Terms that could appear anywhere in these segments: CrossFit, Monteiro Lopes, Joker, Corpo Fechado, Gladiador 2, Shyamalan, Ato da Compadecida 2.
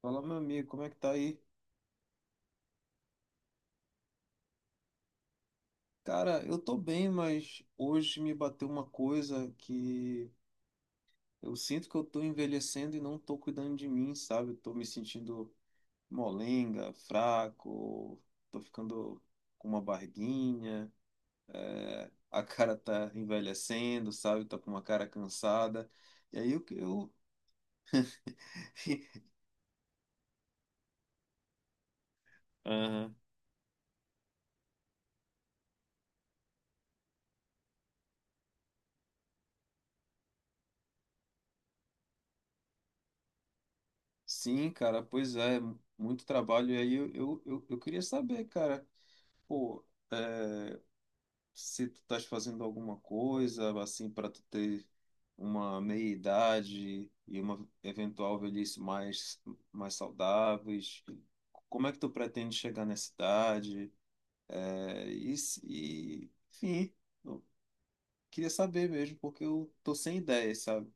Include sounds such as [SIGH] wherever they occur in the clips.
Fala, meu amigo, como é que tá aí? Cara, eu tô bem, mas hoje me bateu uma coisa que eu sinto que eu tô envelhecendo e não tô cuidando de mim, sabe? Eu tô me sentindo molenga, fraco, tô ficando com uma barriguinha, é, a cara tá envelhecendo, sabe? Tá com uma cara cansada. E aí eu... [LAUGHS] Aham. Sim, cara, pois é, muito trabalho. E aí eu queria saber, cara, pô. eh, Se tu estás fazendo alguma coisa assim para tu ter uma meia-idade e uma eventual velhice mais saudáveis. Como é que tu pretende chegar nessa idade? É, e, se- e enfim, eu queria saber mesmo, porque eu tô sem ideias, sabe?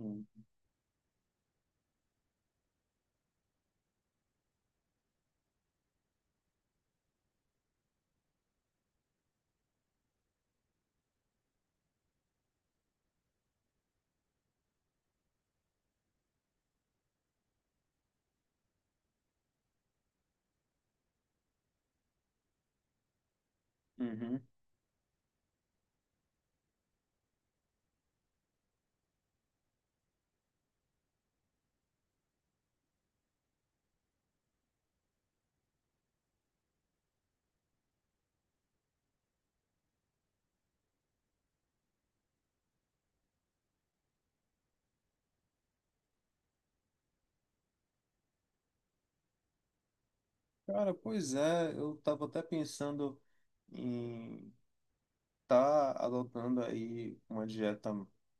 Hum. Uhum. Cara, pois é, eu tava até pensando em tá adotando aí uma dieta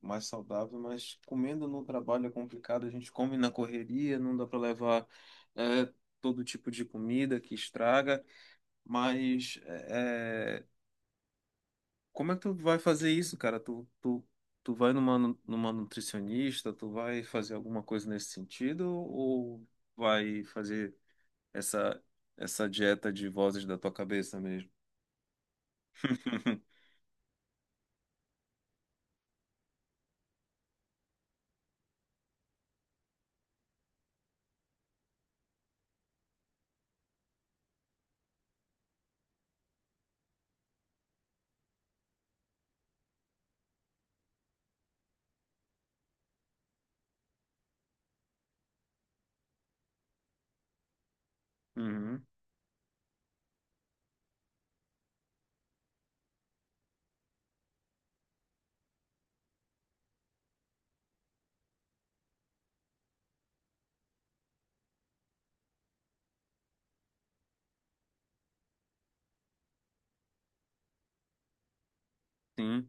mais saudável, mas comendo no trabalho é complicado, a gente come na correria, não dá para levar é, todo tipo de comida que estraga, mas é, como é que tu vai fazer isso, cara? Tu vai numa nutricionista, tu vai fazer alguma coisa nesse sentido ou vai fazer essa, essa dieta de vozes da tua cabeça mesmo? [LAUGHS] Uhum, sim.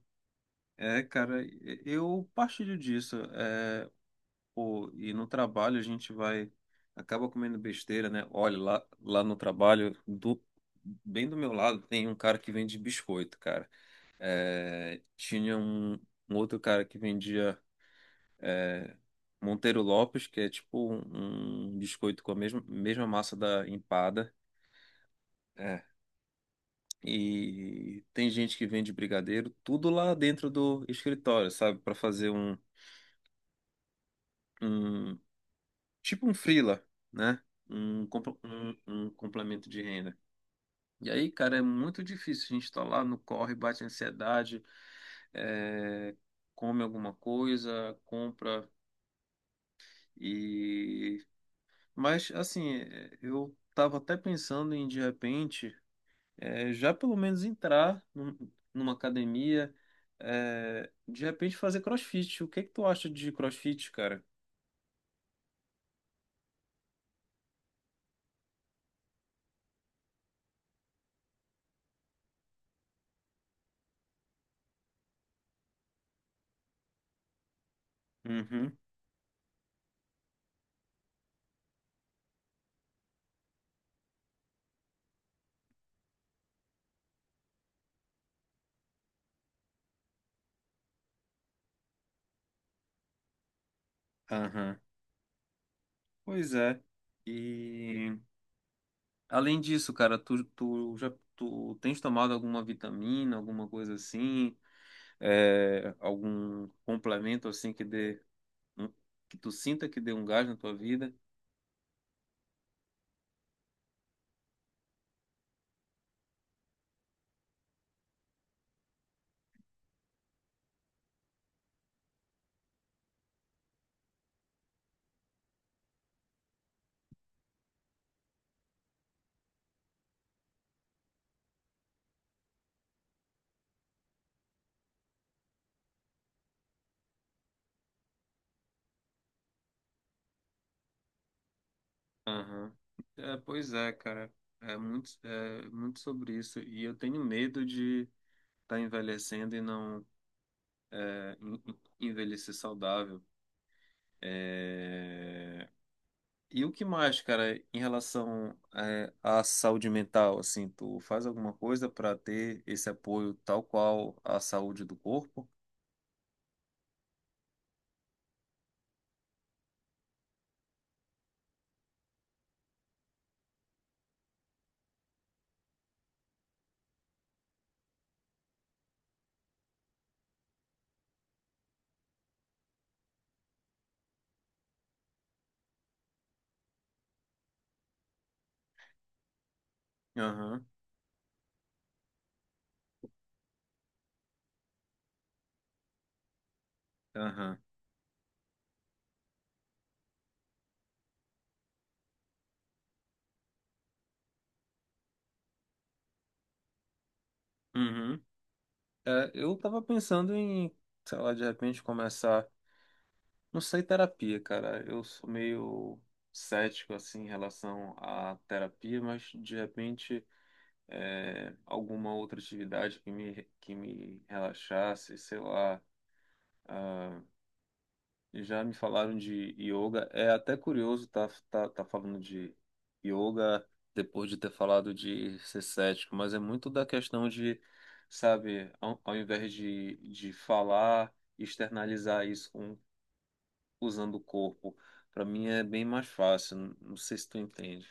É, cara, eu partilho disso. É, pô, e no trabalho a gente vai, acaba comendo besteira, né? Olha, lá no trabalho, do, bem do meu lado, tem um cara que vende biscoito, cara. É, tinha um outro cara que vendia Monteiro Lopes, que é tipo um biscoito com a mesma massa da empada. É. E tem gente que vende brigadeiro, tudo lá dentro do escritório, sabe? Para fazer um. Um tipo um freela, né? Um complemento de renda. E aí, cara, é muito difícil. A gente está lá no corre, bate ansiedade, é, come alguma coisa, compra e. Mas, assim, é, eu tava até pensando em, de repente, é, já pelo menos numa academia, é, de repente fazer CrossFit. O que é que tu acha de CrossFit, cara? Uhum, aham. Pois é. E. Além disso, cara, tu tens tomado alguma vitamina, alguma coisa assim, é, algum complemento assim que um- que tu sinta que dê um gás na tua vida? Aham. É, pois é, cara. É muito sobre isso. E eu tenho medo de estar envelhecendo e não é, envelhecer saudável. É, e o que mais, cara, em relação à saúde mental, assim, tu faz alguma coisa para ter esse apoio tal qual a saúde do corpo? Aham, aham, uhum. É, eu tava pensando em, sei lá, de repente começar, não sei, terapia, cara. Eu sou meio cético, assim, em relação à terapia, mas de repente alguma outra atividade que me relaxasse, sei lá. Ah, já me falaram de yoga. É até curioso tá falando de yoga depois de ter falado de ser cético, mas é muito da questão de, sabe, ao invés de falar, externalizar usando o corpo. Para mim é bem mais fácil. Não não sei se tu entende.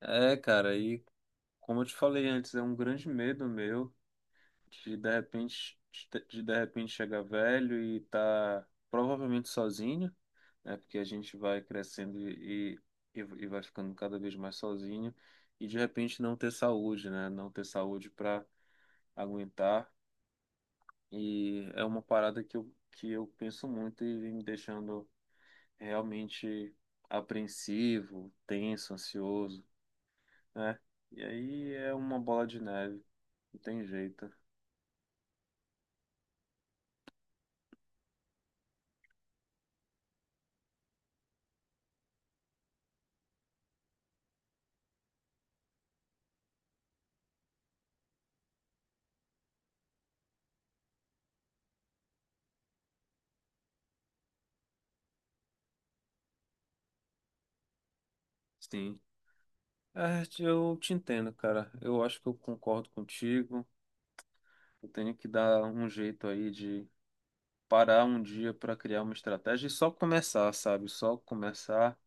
É, cara, e como eu te falei antes, é um grande medo meu de repente, de repente chegar velho e tá provavelmente sozinho. É porque a gente vai crescendo e vai ficando cada vez mais sozinho e de repente não ter saúde, né? Não ter saúde para aguentar. E é uma parada que eu penso muito e vem me deixando realmente apreensivo, tenso, ansioso, né? E aí é uma bola de neve, não tem jeito. Sim. É, eu te entendo, cara. Eu acho que eu concordo contigo. Eu tenho que dar um jeito aí de parar um dia para criar uma estratégia e só começar, sabe? Só começar.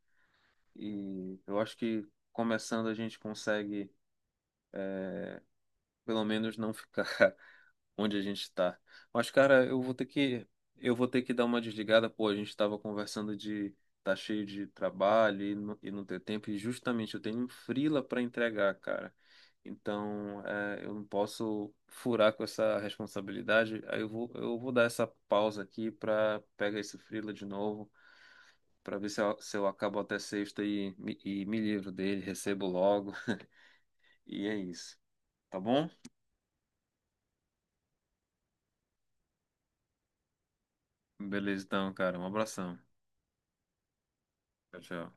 E eu acho que começando a gente consegue, pelo menos, não ficar [LAUGHS] onde a gente está. Mas, cara, eu vou ter que dar uma desligada. Pô, a gente estava conversando de tá cheio de trabalho e e não ter tempo. E justamente eu tenho um freela para entregar, cara. Então, é, eu não posso furar com essa responsabilidade. Aí eu vou dar essa pausa aqui para pegar esse freela de novo para ver se eu acabo até sexta e me livro dele, recebo logo. [LAUGHS] E é isso. Tá bom? Beleza, então, cara. Um abração. Tchau, tchau.